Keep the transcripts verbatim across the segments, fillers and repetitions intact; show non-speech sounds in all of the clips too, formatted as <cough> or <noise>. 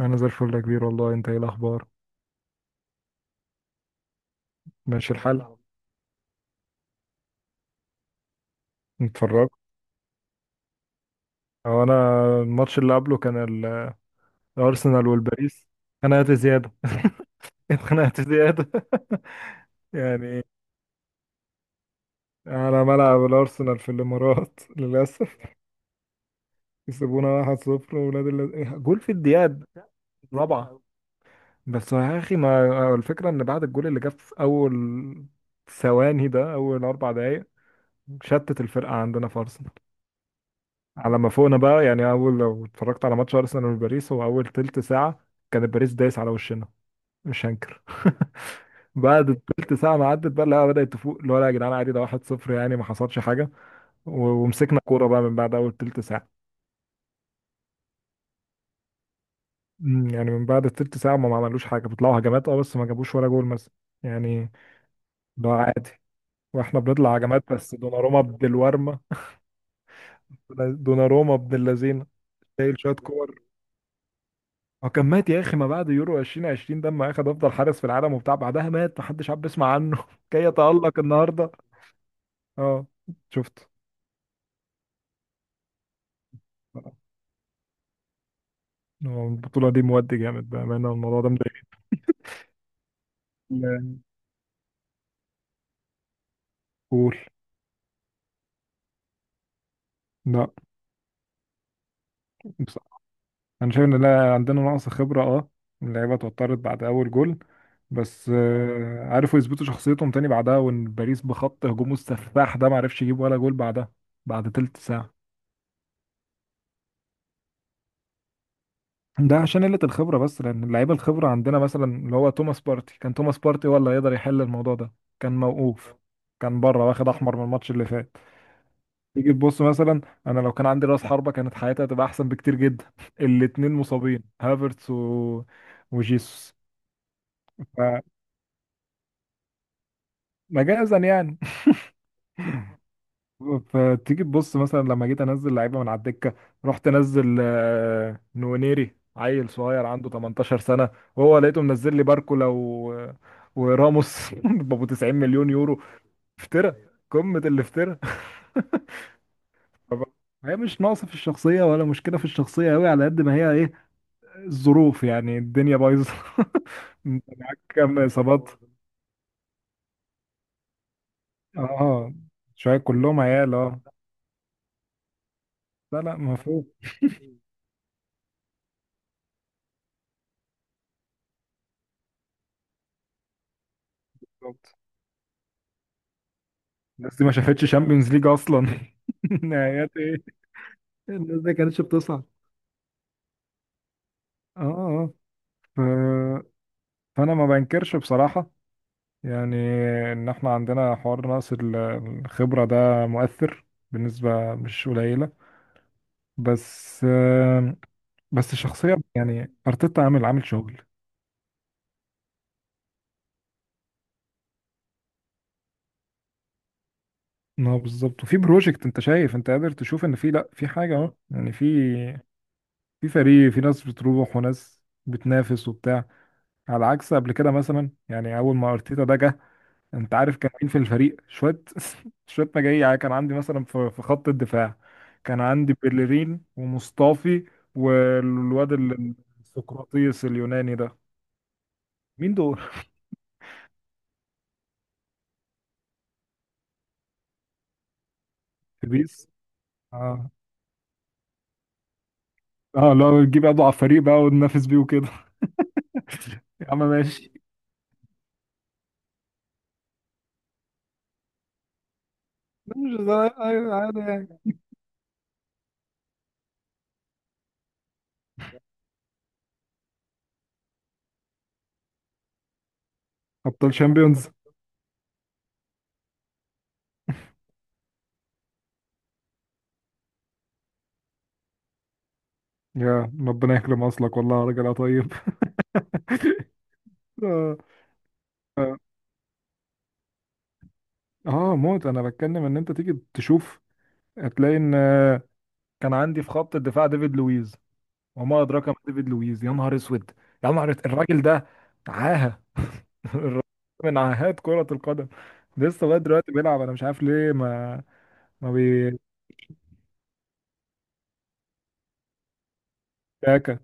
انا زي الفل يا كبير والله، انت ايه الاخبار؟ ماشي الحال. اتفرج. هو انا الماتش اللي قبله كان ال- الارسنال والباريس. اتخنقت زياده <laughs> اتخنقت زياده <laughs> يعني على ملعب الارسنال في الامارات للاسف. يسيبونا واحد صفر ولاد ال... جول في الدقيقه الرابعه. بس يا اخي، ما الفكره ان بعد الجول اللي جاب في اول ثواني، ده اول اربع دقائق، شتت الفرقه عندنا في ارسنال على ما فوقنا بقى. يعني اول، لو اتفرجت على ماتش ارسنال وباريس، هو اول تلت ساعه كان باريس دايس على وشنا، مش هنكر <laughs> بعد التلت ساعه ما عدت بقى، لا، بدات تفوق، اللي هو لا يا جدعان عادي، ده واحد صفر يعني، ما حصلش حاجه. و- ومسكنا كوره بقى من بعد اول تلت ساعه. أمم، يعني من بعد التلت ساعه ما ما عملوش حاجه، بيطلعوا هجمات اه بس ما جابوش ولا جول مثلا، يعني. ده عادي. واحنا بنطلع هجمات بس دوناروما بالورمه. دوناروما ابن اللذينه، شايل شويه كور. هو كان مات يا اخي، ما بعد يورو عشرين عشرين ده لما اخد افضل حارس في العالم وبتاع، بعدها مات، محدش عاد بيسمع عنه <laughs> كي يتألق النهارده. اه شفت. هو البطولة دي مودي جامد بأمانة، الموضوع ده مضايقني. قول. لا، بصراحة أنا شايف إن لا، عندنا نقص خبرة أه. اللعيبة اتوترت بعد أول جول. بس آه، عرفوا يثبتوا شخصيتهم تاني بعدها، وإن باريس بخط هجومه السفاح ده معرفش يجيب ولا جول بعدها، بعد تلت ساعة. ده عشان قلة الخبرة، بس لأن اللعيبة الخبرة عندنا مثلا، اللي هو توماس بارتي، كان توماس بارتي هو اللي هيقدر يحل الموضوع ده، كان موقوف، كان بره واخد أحمر من الماتش اللي فات. تيجي تبص مثلا، أنا لو كان عندي رأس حربة كانت حياتي هتبقى أحسن بكتير جدا <laughs> الاتنين مصابين، هافرتس و... وجيسوس. فمجازا يعني. فتيجي تبص مثلا، لما جيت انزل لعيبه من على الدكه، رحت انزل آه، نونيري، عيل صغير عنده تمنتاشر سنة سنه، وهو لقيته منزل لي باركولا و... وراموس <laughs> بابو 90 مليون يورو. افترى، قمه الافتراء. فب- هي مش ناقصه في الشخصيه، ولا مشكله في الشخصيه قوي على قد ما هي ايه، الظروف، يعني الدنيا بايظه <laughs> انت معاك كام اصابات؟ اه شويه، كلهم عيال اه. لا لا، مفهوم. الناس دي ما شافتش شامبيونز ليج اصلا <laughs> نهايات ايه! الناس دي كانتش بتصعد. اه آه. ف... فانا ما بنكرش بصراحة يعني، ان احنا عندنا حوار نقص ال- الخبرة ده، مؤثر بالنسبة، مش قليلة. بس آه، بس الشخصية يعني، ارتيتا عامل عامل شغل. ما هو بالظبط، وفي بروجكت انت شايف، انت قادر تشوف ان في، لا، في حاجة اهو يعني، في في فريق، في ناس بتروح وناس بتنافس وبتاع، على عكس قبل كده مثلا. يعني اول ما ارتيتا ده جه، انت عارف كان مين في الفريق؟ شويه <laughs> شويه مجاري يعني. كان عندي مثلا في في خط الدفاع، كان عندي بيلرين ومصطفي، والواد ال- السقراطيس اليوناني ده، مين دول؟ في بيس اه. اه لو تجيب اضعف فريق بقى وننافس بيه وكده <laughs> يا عم ماشي. مش زي- أيوة، عادي يعني. ابطال شامبيونز. يا ربنا يكرم اصلك والله يا راجل يا طيب <laughs> اه آه، موت. انا بتكلم ان انت تيجي تشوف، هتلاقي ان آه، كان عندي في خط الدفاع ديفيد لويز، وما ادراك ما ديفيد لويز. يا نهار اسود، يا نهار أسود، الراجل ده عاهه من عاهات كرة القدم. لسه لغايه دلوقتي بيلعب، انا مش عارف ليه، ما ما بي. شاكا،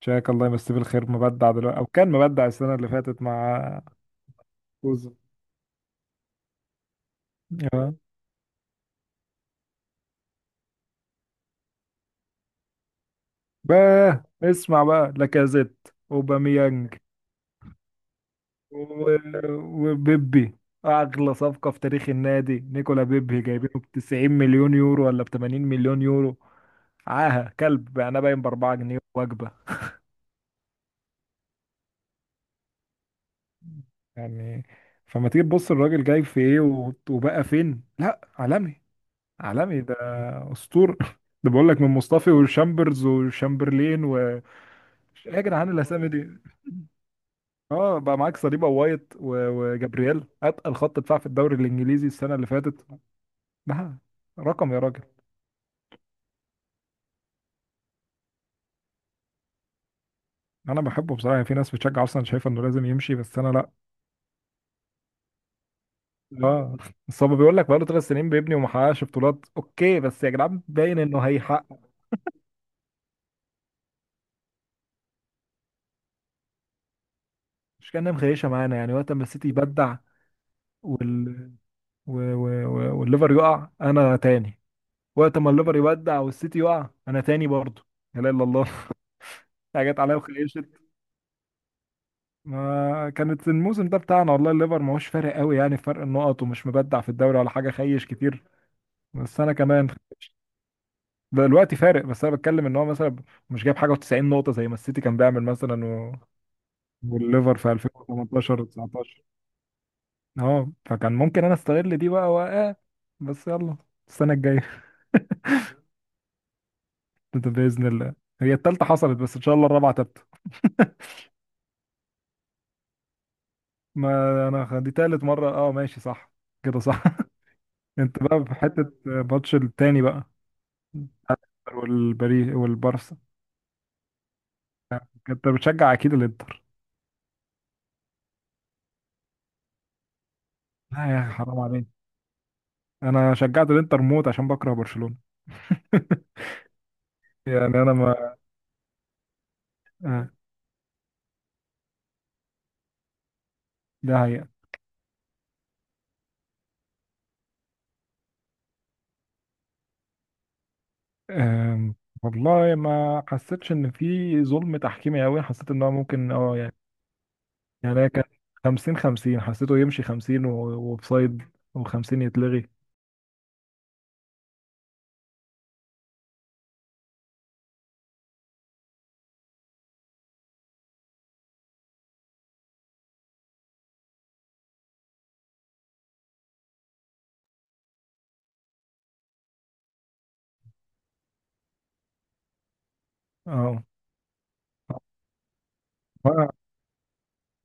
شاكا الله يمسيه بالخير، مبدع دلوقتي او كان مبدع السنه اللي فاتت مع كوزو. آه. باه اسمع بقى، لاكازيت، اوباميانج، و- وبيبي، اغلى صفقة في تاريخ النادي، نيكولا بيبي جايبينه ب تسعين مليون يورو ولا ب تمانين مليون يورو. عاهة كلب يعني، باين ب اربعة جنيهات وجبة يعني. فما تيجي تبص، الراجل جاي في ايه و- وبقى فين، لا، عالمي، عالمي ده، اسطورة <laughs> ده بقول لك من مصطفي وشامبرز وشامبرلين و ايه، يا جدعان الاسامي دي. اه بقى معاك صليبه وايت و- وجابرييل، اتقل خط دفاع في الدوري الانجليزي السنه اللي فاتت. ده رقم يا راجل. انا بحبه بصراحه يعني، في ناس بتشجع اصلا شايفه انه لازم يمشي، بس انا لا. اه بس هو بيقول لك بقاله ثلاث سنين بيبني وما حققش بطولات. اوكي، بس يا جدعان باين انه هيحقق. مش كأنها مخيشه معانا. يعني وقت ما السيتي يبدع وال... و... و... و... والليفر يقع، انا تاني. وقت ما الليفر يبدع والسيتي يقع، انا تاني برضه. لا اله الا الله <laughs> حاجات عليا، وخيشت. ما كانت الموسم ده بتاعنا والله. الليفر ما هوش فارق قوي يعني، في فرق النقط، ومش مبدع في الدوري ولا حاجه، خيش كتير. بس انا كمان بقى الوقت فارق. بس انا بتكلم ان هو مثلا مش جايب حاجه و90 نقطه زي ما السيتي كان بيعمل مثلا و... والليفر في ألفين وتمنتاشر تسعة عشر. اه فكان ممكن انا استغل دي بقى واه. بس يلا، السنه الجايه <laughs> ده باذن الله. هي التالتة حصلت، بس ان شاء الله الرابعه تبت <laughs> ما انا خ- دي تالت مره اه، ماشي صح، كده صح <laughs> انت بقى في حته ماتش التاني بقى، والبري والبارسا، انت بتشجع اكيد الانتر. لا يا اخي حرام عليك، انا شجعت الانتر موت عشان بكره برشلونه <laughs> يعني انا آه، ده هي. آم، والله ما حسيتش ان في ظلم تحكيمي قوي، حسيت ان هو ممكن اه يعني. يعني هي كان خمسين خمسين، حسيته يمشي خمسين وبسايد و50 يتلغي. اه بقى،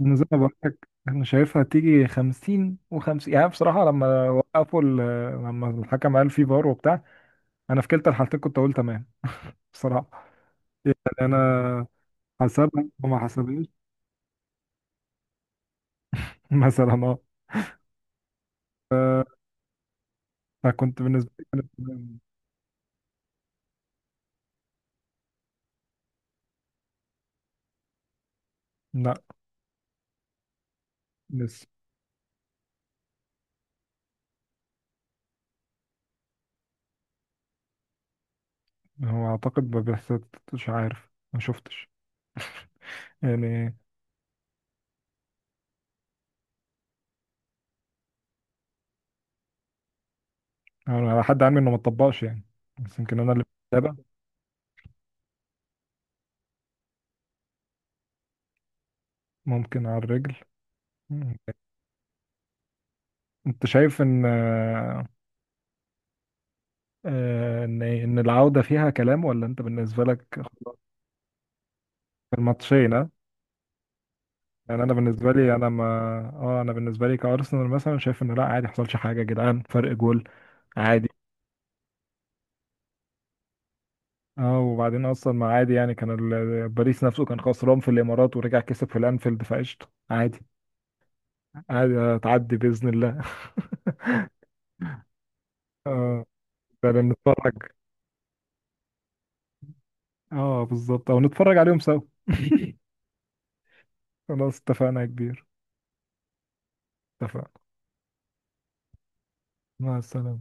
إن زي ما بقول لك، انا شايفها تيجي خمسين و50 يعني بصراحه. لما وقفوا ال- لما الحكم قال في فار وبتاع، انا في كلتا الحالتين كنت اقول تمام بصراحه. انا حسبها وما حسبهاش <laughs> مثلا اه. فكنت بالنسبه لي كانت تمام. لا هو اعتقد ما بيحصلش، مش عارف، ما شفتش يعني. انا على حد علمي انه ما اتطبقش يعني. بس يمكن انا اللي بتابع، ممكن على الرجل. مم. انت شايف ان آه، ان ان العودة فيها كلام، ولا انت بالنسبة لك خلاص؟ في الماتشين ها؟ يعني انا بالنسبة لي انا ما، اه انا بالنسبة لي كارسنال مثلا، شايف ان لا، عادي ما حصلش حاجة يا جدعان، فرق جول عادي. اه وبعدين اصلا، ما عادي يعني كان ال- باريس نفسه كان خسران في الامارات ورجع كسب في الانفيلد، فقشطه عادي. عادي آه، تعدي بإذن الله <laughs> اه فعلا نتفرج. اه بالظبط، او نتفرج عليهم سوا <laughs> خلاص اتفقنا يا كبير. اتفقنا. مع السلامة.